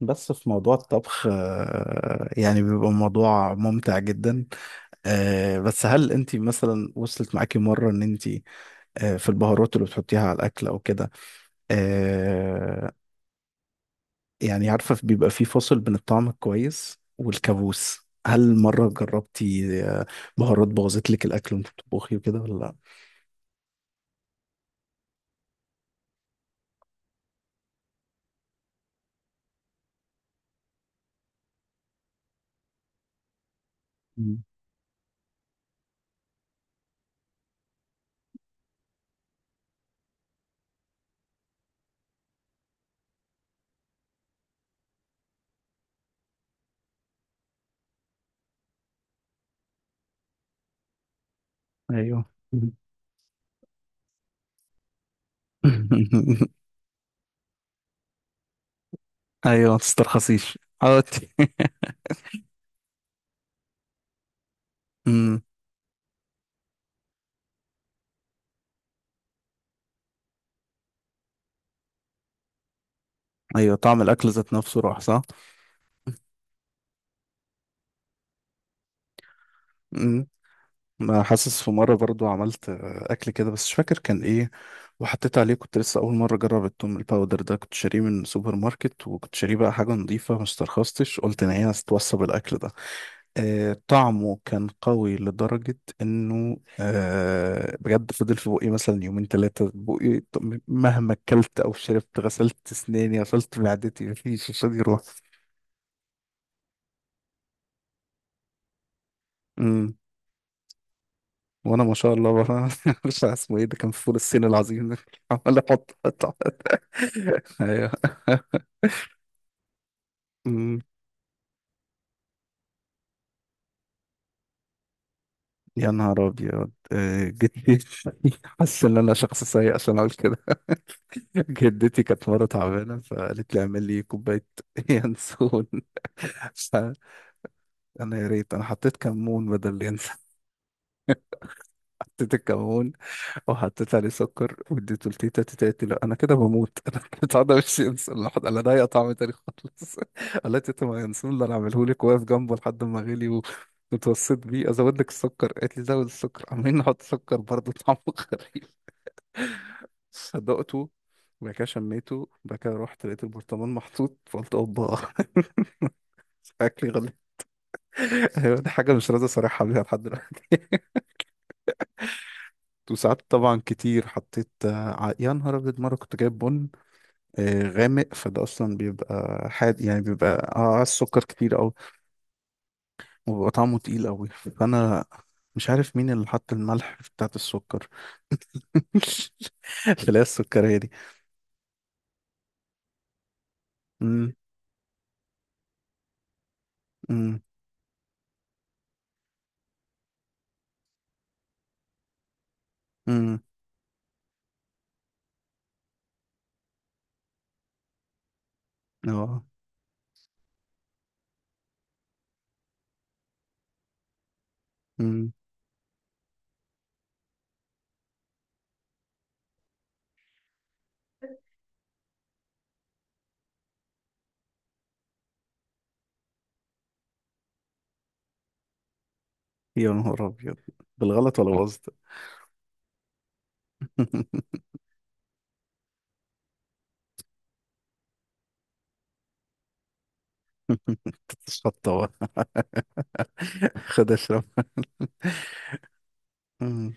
بس في موضوع الطبخ، يعني بيبقى موضوع ممتع جدا. بس هل انت مثلا وصلت معاكي مرة ان انت، في البهارات اللي بتحطيها على الاكل او كده؟ آه، يعني عارفة بيبقى في فصل بين الطعم الكويس والكابوس، هل مرة جربتي بهارات بوظت لك الاكل وانت بتطبخي وكده ولا لا؟ مم. ايوه. ايوه، ما تسترخصيش. عودتي. مم. ايوه، طعم الاكل ذات نفسه راح، صح؟ انا حاسس في مره برضو عملت اكل كده بس مش فاكر كان ايه، وحطيت عليه. كنت لسه اول مره اجرب التوم الباودر ده، كنت شاريه من سوبر ماركت وكنت شاريه بقى حاجه نظيفه، ما استرخصتش، قلت ان هي هتتوصى بالاكل ده. آه، طعمه كان قوي لدرجه انه بجد فضل في بقي مثلا يومين ثلاثه بقي مهما اكلت او شربت، غسلت اسناني غسلت معدتي، مفيش، مش راضي يروح. امم. وانا ما شاء الله بقى مش عارف اسمه ايه، ده كان فول الصين العظيم ده. عمال احط، ايوه. أمم. يا نهار ابيض، جدتي. حاسس ان انا شخص سيء عشان اقول كده. جدتي كانت مره تعبانه فقالت لي اعمل لي كوبايه ينسون. فانا يا ريت انا حطيت كمون بدل اليانسون. حطيت الكمون، وحطيت عليه سكر واديته لتيتا. تيتا قالت لي لا، انا كده بموت. انا البتاع ده مش ينسى، لحد انا ده طعم تاني خالص. قال لها تيتا، ما ينسون اللي انا عامله لك، واقف جنبه لحد ما غلي واتوسط بيه ازود لك السكر. قالت لي زود السكر، عمالين نحط سكر برضه طعمه غريب. صدقته، وبعد كده شميته، وبعد كده رحت لقيت البرطمان محطوط، فقلت اوبا. شكلي غلط. ايوه، دي حاجه مش راضي اصارحها بيها لحد دلوقتي. وساعات طبعا كتير حطيت يا نهار ابيض، مره كنت جايب بن غامق، فده اصلا بيبقى حاد يعني بيبقى، اه السكر كتير قوي، وبيبقى طعمه تقيل قوي. فانا مش عارف مين اللي حط الملح بتاعت السكر. تلاقي السكرية دي. امم. امم. امم. اه. امم. يا نهار ابيض، بالغلط ولا باظت؟ تتشطب. خد اشرب. مم.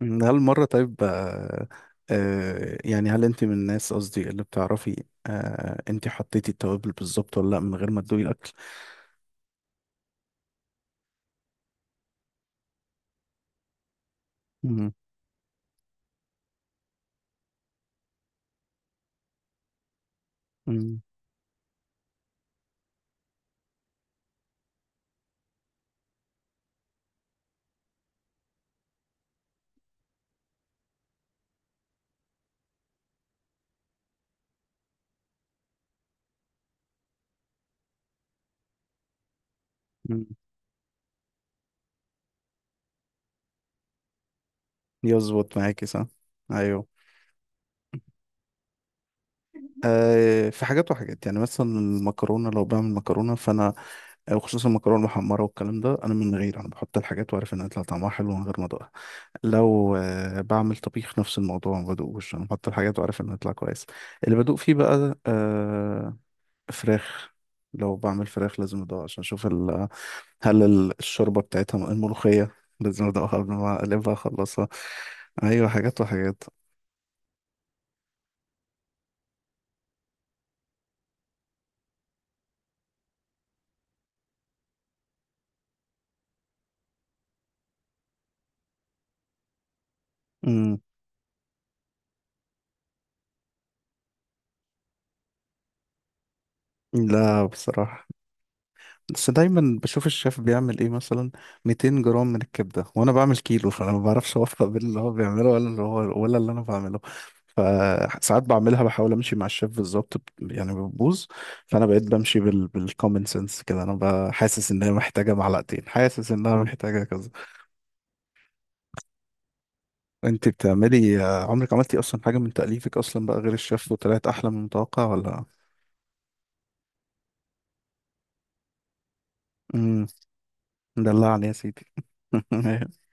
مم، هل مرة طيب آه يعني هل انت من الناس، قصدي اللي بتعرفي آه، انت حطيتي التوابل بالظبط ولا لا من غير ما تدوقي الاكل؟ مم، مم، مم. يظبط معاكي، صح؟ ايوه. آه في حاجات وحاجات. يعني مثلا المكرونة، لو بعمل مكرونة فانا، وخصوصا المكرونة المحمرة والكلام ده، انا من غير، انا بحط الحاجات وعارف انها هيطلع طعمها حلو من غير ما ادوقها. لو بعمل طبيخ نفس الموضوع، ما بدوقوش، انا بحط الحاجات وعارف انها هتطلع كويس. اللي بدوق فيه بقى آه، فراخ. لو بعمل فراخ لازم ادوق عشان اشوف ال... هل الشوربه بتاعتها، الملوخيه، لازم ادوقها قبل ما اقلبها اخلصها. ايوه، حاجات وحاجات. امم. لا بصراحه، بس دايما بشوف الشيف بيعمل ايه، مثلا 200 جرام من الكبده، وانا بعمل كيلو. فانا ما بعرفش اوفق بين اللي هو بيعمله ولا اللي هو ولا اللي انا بعمله. فساعات بعملها بحاول امشي مع الشيف بالظبط يعني بتبوظ. فانا بقيت بمشي بال بالكومن سنس كده، انا حاسس انها محتاجه معلقتين، حاسس انها محتاجه كذا. انت بتعملي، عمرك عملتي اصلا حاجه من تاليفك اصلا بقى غير الشيف وطلعت احلى من المتوقع، ولا؟ امم. دلعني يا سيدي.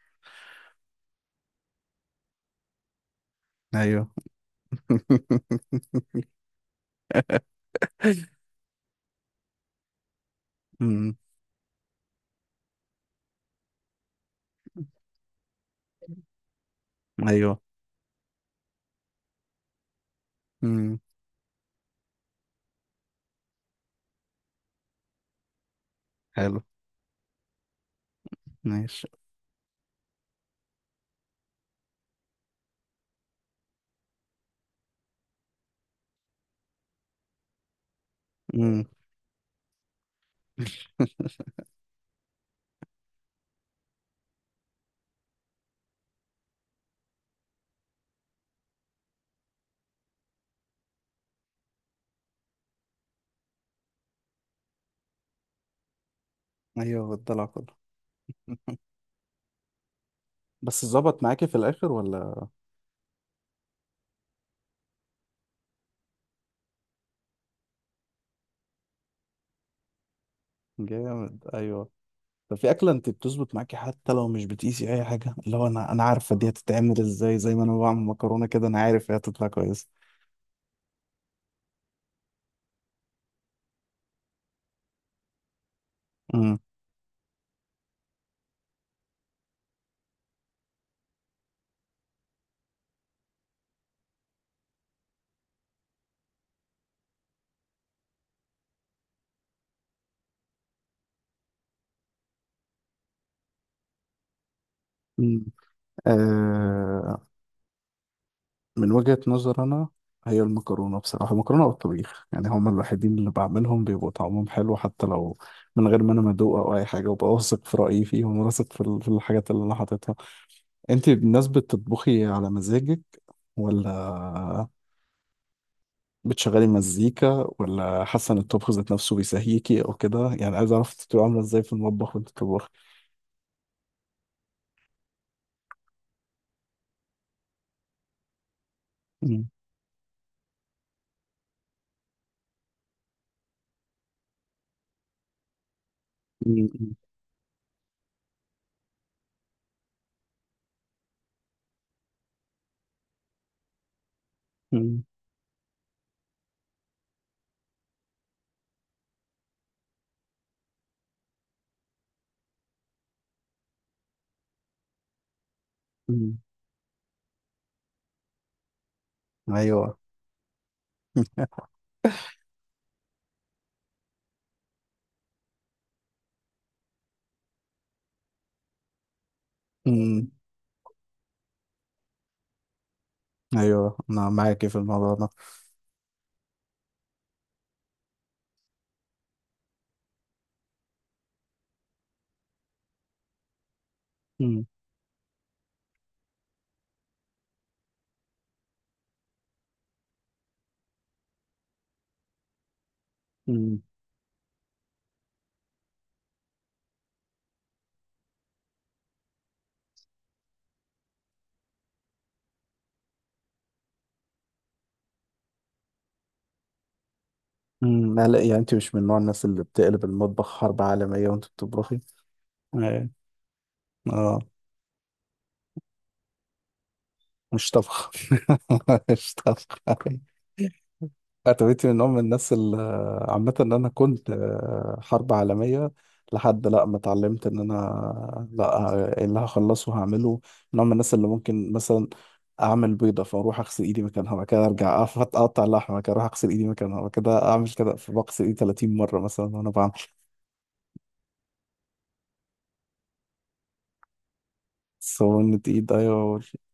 ايوه. امم. ايوه. امم. حلو. ماشي. امم. ايوه، بالضلع كله. بس ظبط معاكي في الاخر ولا؟ جامد، ايوه. طب في اكله انت بتظبط معاكي حتى لو مش بتقيسي اي حاجه، اللي هو، انا عارفه دي هتتعمل ازاي، زي ما انا بعمل مكرونه كده انا عارف هي هتطلع كويسه. امم. امم. آه، من وجهه نظر انا، هي المكرونه، بصراحه المكرونه والطبيخ يعني هما الوحيدين اللي بعملهم بيبقوا طعمهم حلو حتى لو من غير ما انا مدوق او اي حاجه، وببقى واثق في رايي فيهم، واثق في في الحاجات اللي انا حاططها. انت الناس بتطبخي على مزاجك، ولا بتشغلي مزيكا، ولا حاسه ان الطبخ ذات نفسه بيسهيكي او كده؟ يعني عايز اعرف انت بتبقي عامله ازاي في المطبخ وانت بتطبخي. مم. مم. مم. مم. ايوه. مم. ايوه انا معاكي في الموضوع ده. مم. مم. مم. لا لا، يعني انت مش من نوع الناس اللي بتقلب المطبخ حرب عالميه وانت بتطبخي. ايه. اه، مش طبخ. مش طبخ. اتويتي من ام الناس اللي، عامه ان انا كنت حرب عالميه لحد لا ما اتعلمت ان انا لا، إيه اللي هخلصه هعمله. من ام الناس اللي ممكن مثلا اعمل بيضه فاروح اغسل ايدي مكانها، بعد كده ارجع أقف اقطع لحمه، بعد كده اروح اغسل ايدي مكانها، بعد كده اعمل كده، فبغسل ايدي 30 مره مثلا وانا بعمل. سخونة ايد، ايوه.